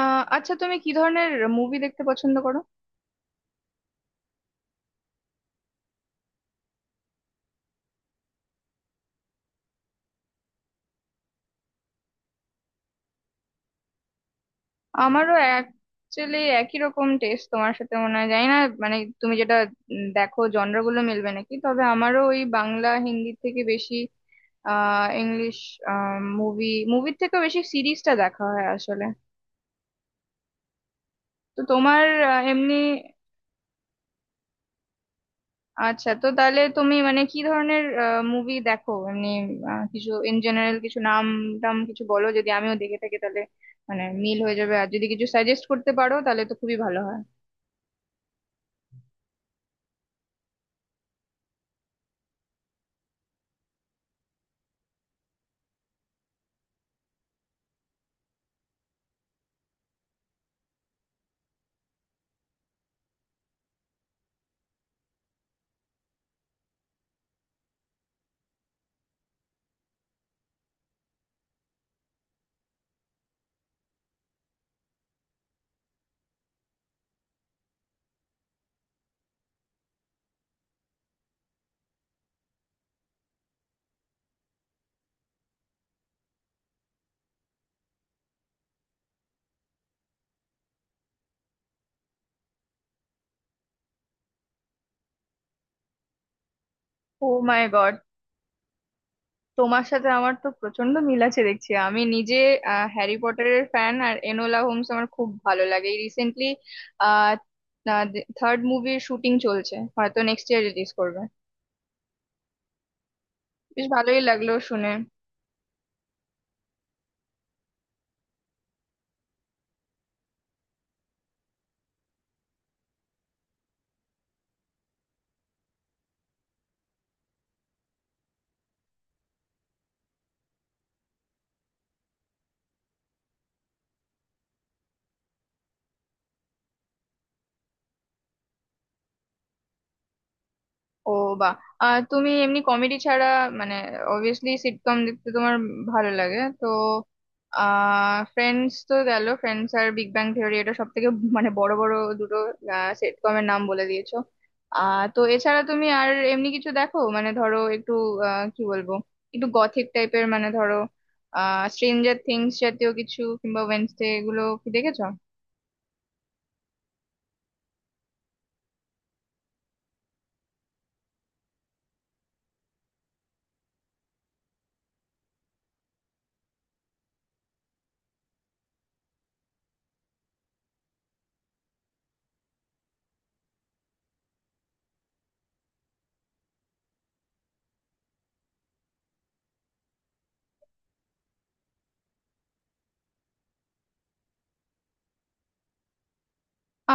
আচ্ছা, তুমি কি ধরনের মুভি দেখতে পছন্দ করো? আমারও অ্যাকচুয়ালি একই রকম টেস্ট তোমার সাথে, মনে হয়, জানি না। মানে তুমি যেটা দেখো, জনরা গুলো মিলবে নাকি, তবে আমারও ওই বাংলা হিন্দি থেকে বেশি ইংলিশ মুভি, মুভির থেকেও বেশি সিরিজটা দেখা হয় আসলে। তো তোমার এমনি আচ্ছা, তো তাহলে তুমি মানে কি ধরনের মুভি দেখো এমনি? কিছু ইন জেনারেল, কিছু নাম টাম কিছু বলো, যদি আমিও দেখে থাকি তাহলে মানে মিল হয়ে যাবে, আর যদি কিছু সাজেস্ট করতে পারো তাহলে তো খুবই ভালো হয়। ও মাই গড, তোমার সাথে আমার তো প্রচন্ড মিল আছে দেখছি। আমি নিজে হ্যারি পটারের ফ্যান, আর এনোলা হোমস আমার খুব ভালো লাগে। এই রিসেন্টলি আহ থার্ড মুভির শুটিং চলছে, হয়তো নেক্সট ইয়ার রিলিজ করবে। বেশ ভালোই লাগলো শুনে। ও, বা, আর তুমি এমনি কমেডি ছাড়া, মানে অবভিয়াসলি সিটকম দেখতে তোমার ভালো লাগে তো। ফ্রেন্ডস তো গেল, ফ্রেন্ডস আর বিগ ব্যাং থিওরি এটা সব থেকে মানে বড় বড় দুটো সিটকমের নাম বলে দিয়েছো। তো এছাড়া তুমি আর এমনি কিছু দেখো, মানে ধরো একটু কি বলবো, একটু গথিক টাইপের, মানে ধরো স্ট্রেঞ্জার থিংস জাতীয় কিছু, কিংবা ওয়েনসডে, এগুলো কি দেখেছো?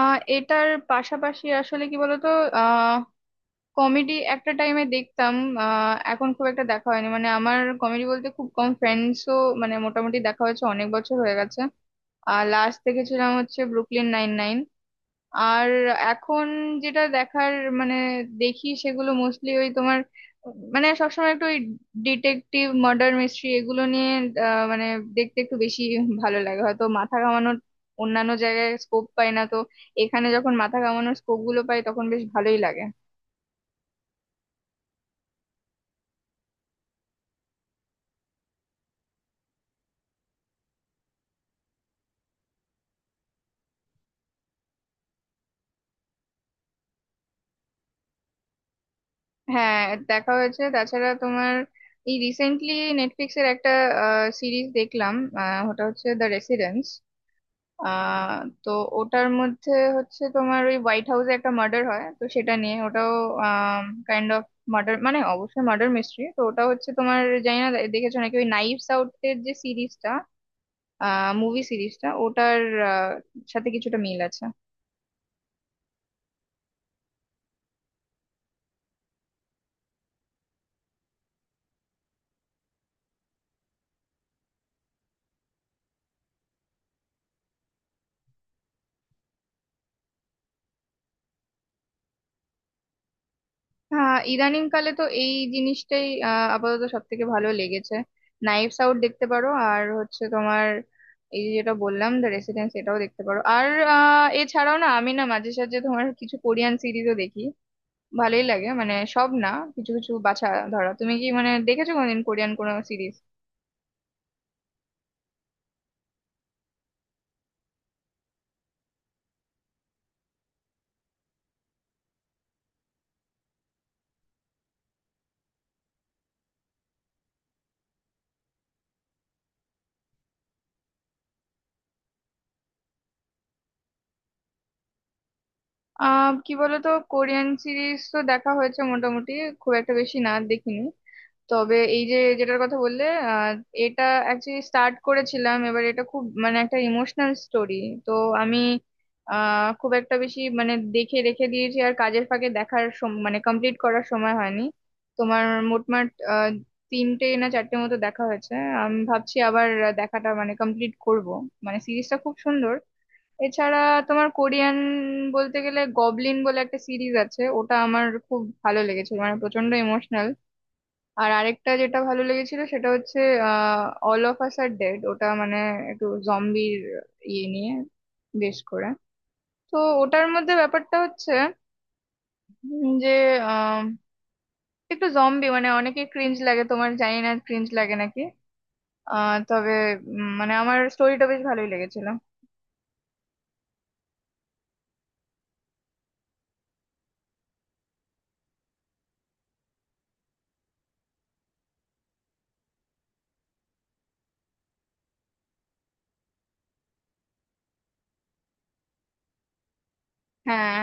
এটার পাশাপাশি আসলে কি বলতো, কমেডি একটা টাইমে দেখতাম। এখন খুব একটা দেখা হয়নি, মানে আমার কমেডি বলতে খুব কম, ফ্রেন্ডসও মানে মোটামুটি দেখা হয়েছে, অনেক বছর হয়ে গেছে। আর লাস্ট দেখেছিলাম হচ্ছে ব্রুকলিন নাইন নাইন। আর এখন যেটা দেখার মানে দেখি, সেগুলো মোস্টলি ওই তোমার, মানে সবসময় একটু ওই ডিটেকটিভ মার্ডার মিস্ট্রি এগুলো নিয়ে মানে দেখতে একটু বেশি ভালো লাগে, হয়তো মাথা ঘামানোর অন্যান্য জায়গায় স্কোপ পাই না, তো এখানে যখন মাথা ঘামানোর স্কোপ গুলো পাই তখন বেশ ভালোই লাগে। হ্যাঁ, দেখা হয়েছে। তাছাড়া তোমার এই রিসেন্টলি নেটফ্লিক্সের একটা সিরিজ দেখলাম, ওটা হচ্ছে দ্য রেসিডেন্স। তো ওটার মধ্যে হচ্ছে তোমার ওই হোয়াইট হাউসে একটা মার্ডার হয়, তো সেটা নিয়ে ওটাও কাইন্ড অফ মার্ডার, মানে অবশ্যই মার্ডার মিস্ট্রি। তো ওটা হচ্ছে, তোমার জানি না দেখেছো নাকি ওই নাইভস আউট এর যে সিরিজটা, মুভি সিরিজটা, ওটার আহ, সাথে কিছুটা মিল আছে। হ্যাঁ ইদানিং কালে তো এই জিনিসটাই আপাতত সব থেকে ভালো লেগেছে। নাইভস আউট দেখতে পারো, আর হচ্ছে তোমার এই যে যেটা বললাম, দ্য রেসিডেন্স, এটাও দেখতে পারো। আর এছাড়াও না, আমি না মাঝে সাঝে তোমার কিছু কোরিয়ান সিরিজও দেখি। ভালোই লাগে, মানে সব না, কিছু কিছু বাছা ধরা। তুমি কি মানে দেখেছো কোনোদিন কোরিয়ান কোনো সিরিজ? কি বলতো, কোরিয়ান সিরিজ তো দেখা হয়েছে মোটামুটি, খুব একটা বেশি না দেখিনি। তবে এই যে যেটার কথা বললে আহ, এটা অ্যাকচুয়ালি স্টার্ট করেছিলাম এবার, এটা খুব মানে একটা ইমোশনাল স্টোরি। তো আমি খুব একটা বেশি মানে দেখে রেখে দিয়েছি, আর কাজের ফাঁকে দেখার মানে কমপ্লিট করার সময় হয়নি। তোমার মোটমাট আহ তিনটে না চারটে মতো দেখা হয়েছে। আমি ভাবছি আবার দেখাটা মানে কমপ্লিট করব, মানে সিরিজটা খুব সুন্দর। এছাড়া তোমার কোরিয়ান বলতে গেলে গবলিন বলে একটা সিরিজ আছে, ওটা আমার খুব ভালো লেগেছে, মানে প্রচন্ড ইমোশনাল। আর আরেকটা যেটা ভালো লেগেছিল সেটা হচ্ছে আহ all of us are dead. ওটা মানে একটু জম্বির ইয়ে নিয়ে বেশ করে। তো ওটার মধ্যে ব্যাপারটা হচ্ছে যে আহ, একটু জম্বি মানে অনেকে ক্রিঞ্জ লাগে, তোমার জানি না ক্রিঞ্জ লাগে নাকি। তবে মানে আমার স্টোরিটা বেশ ভালোই লেগেছিল। হ্যাঁ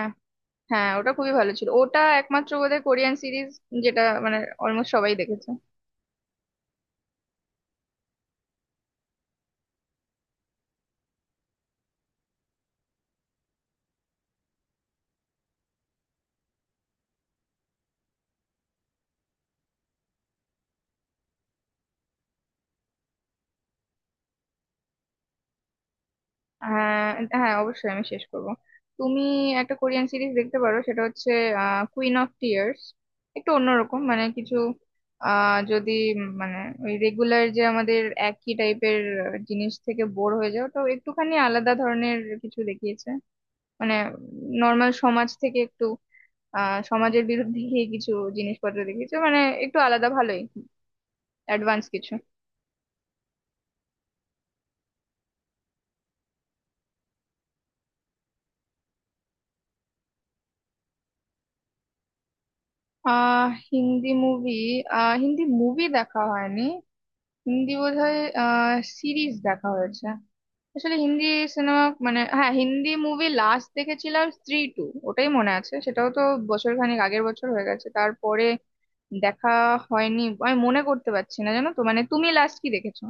হ্যাঁ, ওটা খুবই ভালো ছিল, ওটা একমাত্র বোধহয় কোরিয়ান সিরিজ যেটা মানে অলমোস্ট সবাই দেখেছে। হ্যাঁ হ্যাঁ, অবশ্যই আমি শেষ করব। তুমি একটা কোরিয়ান সিরিজ দেখতে পারো, সেটা হচ্ছে কুইন অফ টিয়ার্স। একটু অন্যরকম, মানে কিছু যদি মানে ওই রেগুলার যে আমাদের একই টাইপের জিনিস থেকে বোর হয়ে যাও, তো একটুখানি আলাদা ধরনের কিছু দেখিয়েছে। মানে নর্মাল সমাজ থেকে একটু সমাজের বিরুদ্ধে গিয়ে কিছু জিনিসপত্র দেখিয়েছে, মানে একটু আলাদা, ভালোই অ্যাডভান্স কিছু। হিন্দি মুভি, হিন্দি মুভি দেখা হয়নি। হিন্দি বোধহয় সিরিজ দেখা হয়েছে, আসলে হিন্দি সিনেমা। মানে হ্যাঁ, হিন্দি মুভি লাস্ট দেখেছিলাম স্ত্রী টু, ওটাই মনে আছে। সেটাও তো বছর খানেক আগের, বছর হয়ে গেছে। তারপরে দেখা হয়নি, আমি মনে করতে পারছি না, জানো তো। মানে তুমি লাস্ট কি দেখেছো?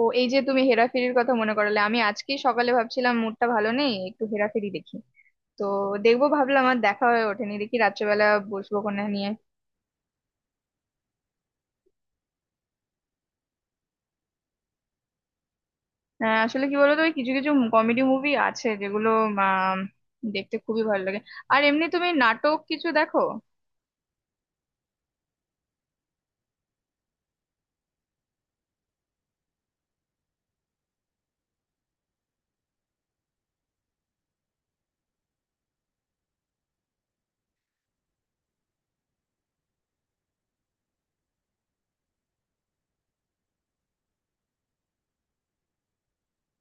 ও, এই যে তুমি হেরাফেরির কথা মনে করালে, আমি আজকেই সকালে ভাবছিলাম মুডটা ভালো নেই, একটু হেরাফেরি দেখি। তো দেখবো ভাবলাম আর দেখা হয়ে ওঠেনি, দেখি রাত্রেবেলা বসবো কোনা নিয়ে। হ্যাঁ আসলে কি বলতো, ওই কিছু কিছু কমেডি মুভি আছে যেগুলো আম, দেখতে খুবই ভালো লাগে। আর এমনি তুমি নাটক কিছু দেখো?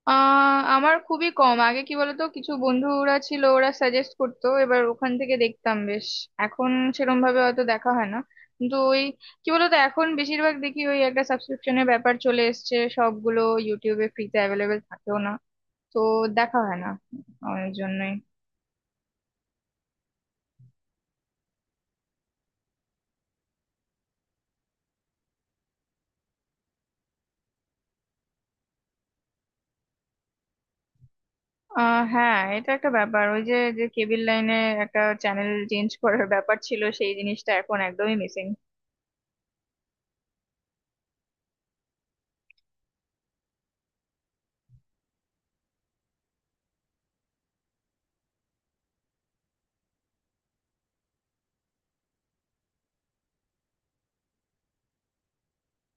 আমার খুবই কম। আগে কি বলতো, কিছু বন্ধুরা ছিল, ওরা সাজেস্ট করতো, এবার ওখান থেকে দেখতাম বেশ। এখন সেরকম ভাবে হয়তো দেখা হয় না, কিন্তু ওই কি বলতো, এখন বেশিরভাগ দেখি ওই একটা সাবস্ক্রিপশনের ব্যাপার চলে এসেছে, সবগুলো ইউটিউবে ফ্রিতে অ্যাভেলেবেল থাকেও না, তো দেখা হয় না আমার জন্য। হ্যাঁ, এটা একটা ব্যাপার, ওই যে যে কেবল লাইনে একটা চ্যানেল চেঞ্জ করার ব্যাপার ছিল, সেই জিনিসটা এখন একদমই মিসিং।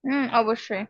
হুম, অবশ্যই।